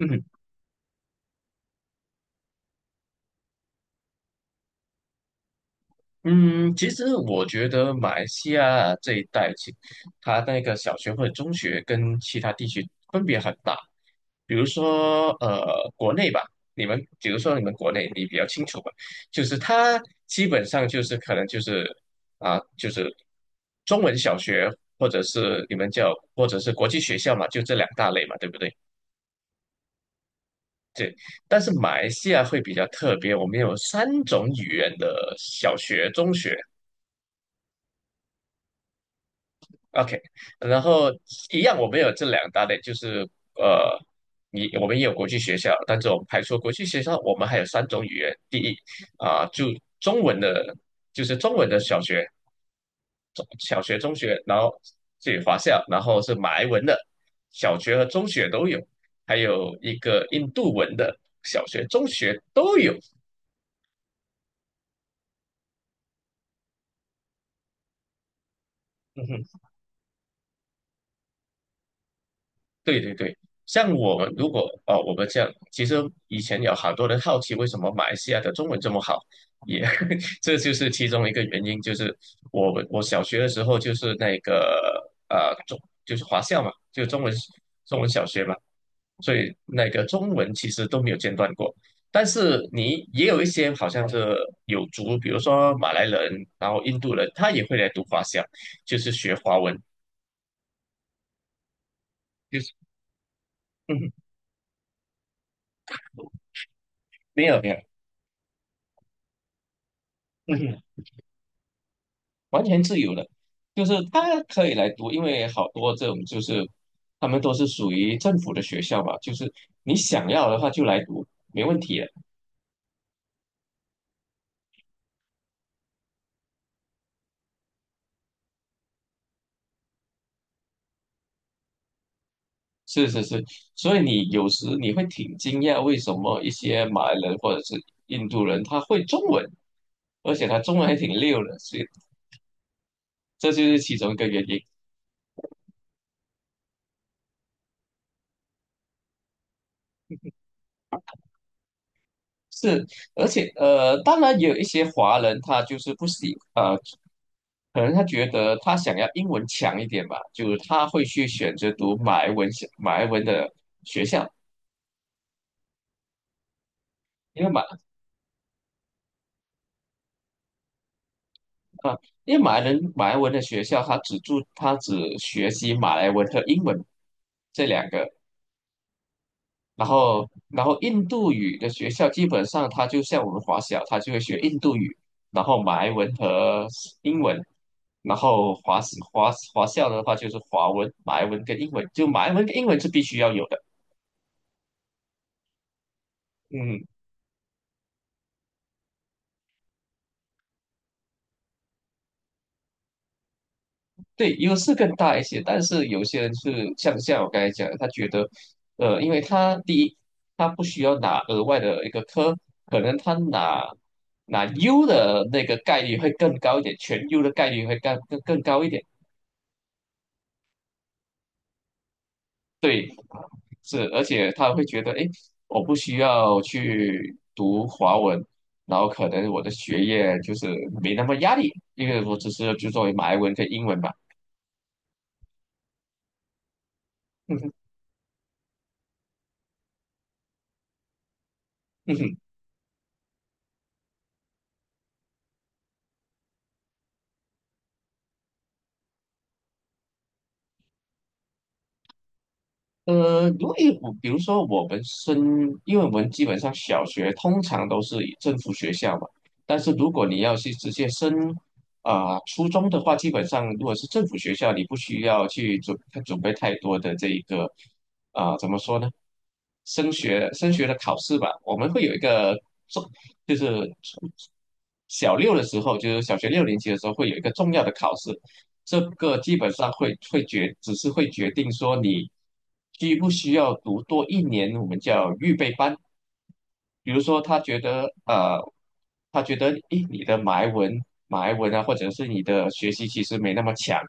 嗯，其实我觉得马来西亚这一带，其它那个小学或者中学跟其他地区分别很大。比如说，国内吧，你们比如说你们国内，你比较清楚吧，就是它基本上就是可能就是就是中文小学或者是国际学校嘛，就这两大类嘛，对不对？对。但是马来西亚会比较特别，我们有三种语言的小学、中学。OK，然后一样，我们有这两大类，就是呃，我们也有国际学校，但是我们排除国际学校，我们还有三种语言。第一就中文的，就是中文的小学、中小学、中学，然后这有华校，然后是马来文的小学和中学都有，还有一个印度文的小学、中学都有。对对对，像我们如果哦，我们这样，其实以前有好多人好奇为什么马来西亚的中文这么好，也 这就是其中一个原因，就是我小学的时候就是那个就是华校嘛，就中文小学嘛，所以那个中文其实都没有间断过。但是你也有一些好像是有族，比如说马来人，然后印度人，他也会来读华校，就是学华文，就是 没有没有。完全自由的，就是他可以来读，因为好多这种就是他们都是属于政府的学校嘛，就是你想要的话就来读，没问题的。是是是，所以你有时你会挺惊讶，为什么一些马来人或者是印度人他会中文，而且他中文还挺溜的，所以这就是其中一个原因。是，而且当然也有一些华人他就是不喜啊。可能他觉得他想要英文强一点吧，就他会去选择读马来文的学校，因为马啊，因为马来文的学校，他只学习马来文和英文这两个，然后印度语的学校基本上他就像我们华小，他就会学印度语，然后马来文和英文，然后华校的话就是华文、马来文跟英文，就马来文跟英文是必须要有的，嗯。对，优势更大一些，但是有些人是像我刚才讲的，他觉得，因为他第一，他不需要拿额外的一个科，可能他拿 U 的那个概率会更高一点，全优的概率会更高一点。对，是，而且他会觉得，哎，我不需要去读华文，然后可能我的学业就是没那么压力，因为我只是就作为马来文跟英文嘛。因为我比如说我们升，因为我们基本上小学通常都是以政府学校嘛，但是如果你要去直接升初中的话，基本上如果是政府学校，你不需要去准备太多的这一个怎么说呢？升学的考试吧，我们会有一个重，就是初小六的时候，就是小学六年级的时候会有一个重要的考试，这个基本上会会决，只是会决定说你需不需要读多一年，我们叫预备班。比如说，他觉得诶，你的埋文啊，或者是你的学习其实没那么强，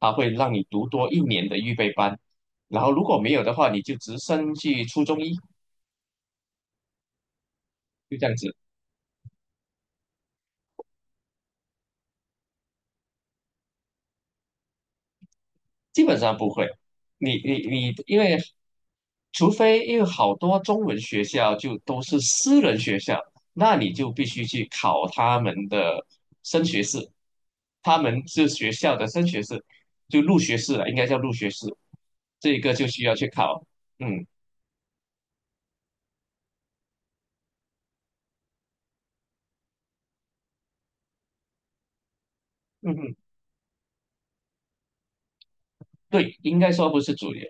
他会让你读多一年的预备班。然后如果没有的话，你就直升去初中一，就这样子。基本上不会。你，除非因为好多中文学校就都是私人学校，那你就必须去考他们的升学试，他们是学校的升学试，就入学试了，应该叫入学试，这个就需要去考。嗯嗯嗯，对，应该说不是主流，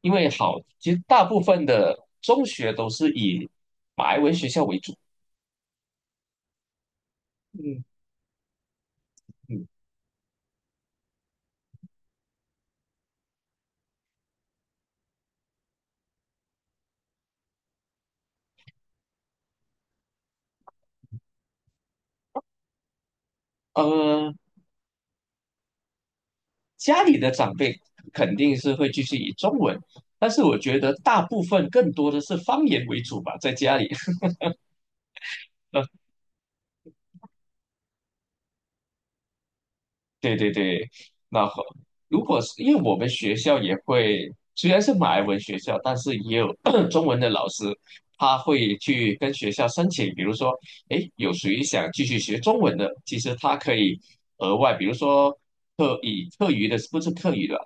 因为好，其实大部分的中学都是以白文学校为主。嗯嗯。呃，家里的长辈肯定是会继续以中文，但是我觉得大部分更多的是方言为主吧，在家里。对对对，那好，如果是因为我们学校也会，虽然是马来文学校，但是也有 中文的老师，他会去跟学校申请，比如说，诶，有谁想继续学中文的，其实他可以额外，比如说课余的，不是课余的，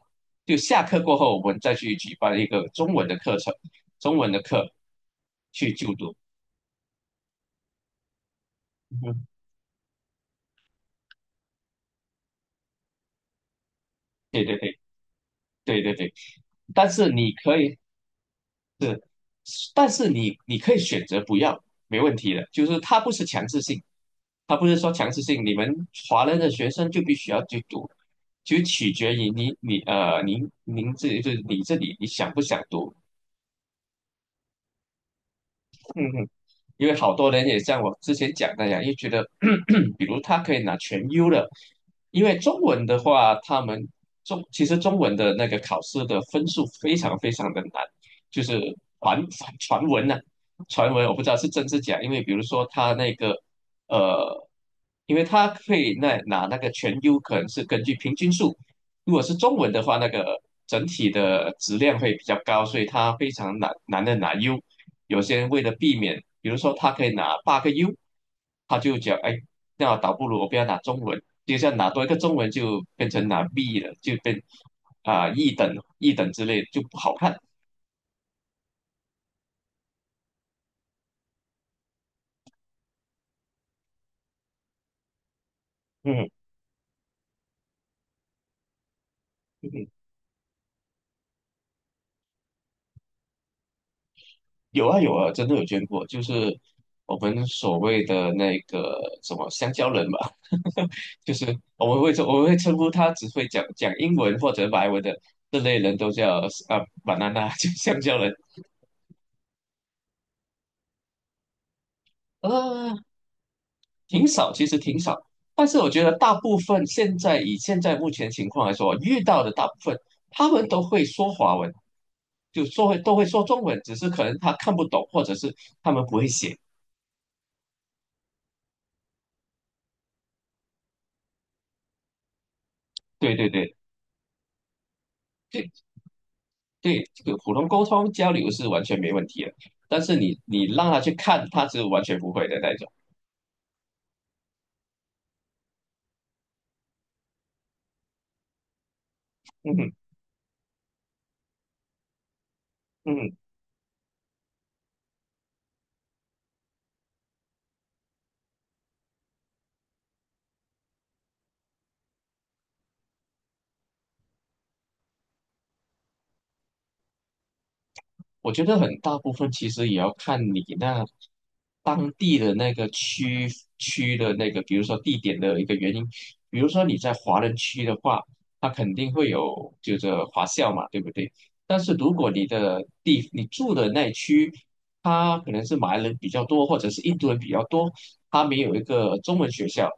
就下课过后，我们再去举办一个中文的课程，中文的课去就读。嗯对对对对对对，但是你可以。是，但是你可以选择不要，没问题的。就是它不是强制性，它不是说强制性，你们华人的学生就必须要去读，就取决于你你呃您您自己就是你这里你想不想读。嗯，因为好多人也像我之前讲那样，又觉得，比如他可以拿全优的，因为中文的话，他们中其实中文的那个考试的分数非常非常的难，就是传传传闻呐、传闻我不知道是真是假，因为比如说他那个呃，因为他可以拿那个全优，可能是根据平均数，如果是中文的话，那个整体的质量会比较高，所以它非常难的拿 U。有些人为了避免，比如说他可以拿八个 U，他就讲，哎，那倒不如我不要拿中文，就像拿多一个中文就变成拿 B 了，就变啊、一等一等之类就不好看。嗯嗯，嗯有啊有啊，真的有捐过，就是我们所谓的那个什么香蕉人吧。就是我们会说，我们会称呼他只会讲英文或者马来文的这类人都叫banana，就香蕉人，呃，挺少，其实挺少。但是我觉得大部分现在以现在目前情况来说，遇到的大部分他们都会说华文，就说会都会说中文，只是可能他看不懂，或者是他们不会写。对对对对对，这个普通沟通交流是完全没问题的，但是你让他去看，他是完全不会的那种。嗯哼嗯哼。我觉得很大部分其实也要看你那当地的那个区的那个，比如说地点的一个原因。比如说你在华人区的话，它肯定会有就是华校嘛，对不对？但是如果你住的那区，它可能是马来人比较多，或者是印度人比较多，它没有一个中文学校。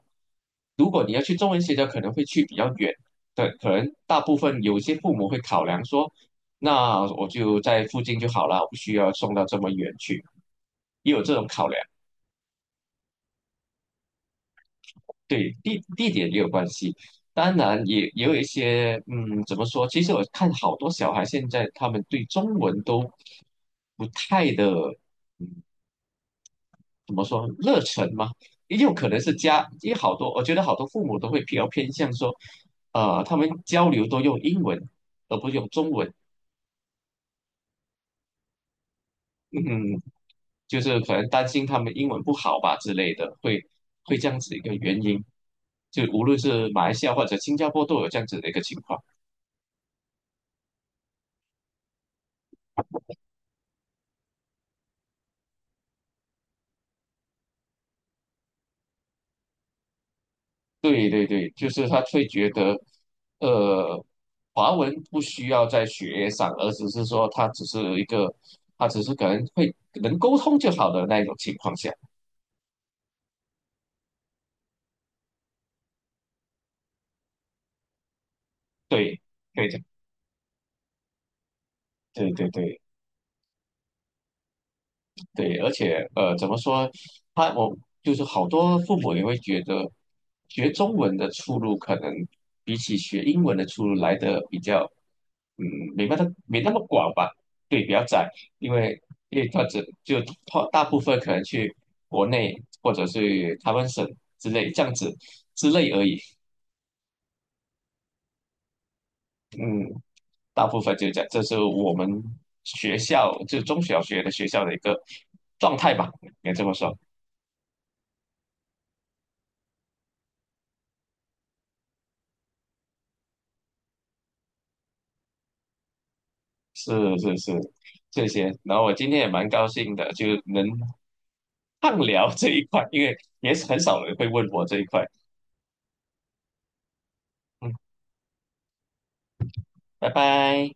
如果你要去中文学校，可能会去比较远。对，可能大部分有些父母会考量说。那我就在附近就好了，我不需要送到这么远去，也有这种考量，对，地点也有关系。当然也有一些，怎么说？其实我看好多小孩现在他们对中文都不太的，嗯，怎么说热忱嘛？也有可能是家，也好多，我觉得好多父母都会比较偏向说，他们交流都用英文，而不用中文。嗯，就是可能担心他们英文不好吧之类的，会这样子一个原因。就无论是马来西亚或者新加坡都有这样子的一个情况。对对对，就是他会觉得，呃，华文不需要在学业上，而只是说他只是一个，他只是可能能沟通就好的那一种情况下。对，对的，对对对。对，而且怎么说？他我就是好多父母也会觉得，学中文的出路可能比起学英文的出路来的比较，嗯，没那么广吧？对，比较窄，因为因为他只就他大部分可能去国内或者是台湾省之类这样子之类而已。嗯，大部分就这样，这是我们学校就中小学的学校的一个状态吧，应该这么说。是是是，这些。然后我今天也蛮高兴的，就能畅聊这一块，因为也是很少人会问我这一块。嗯，拜拜。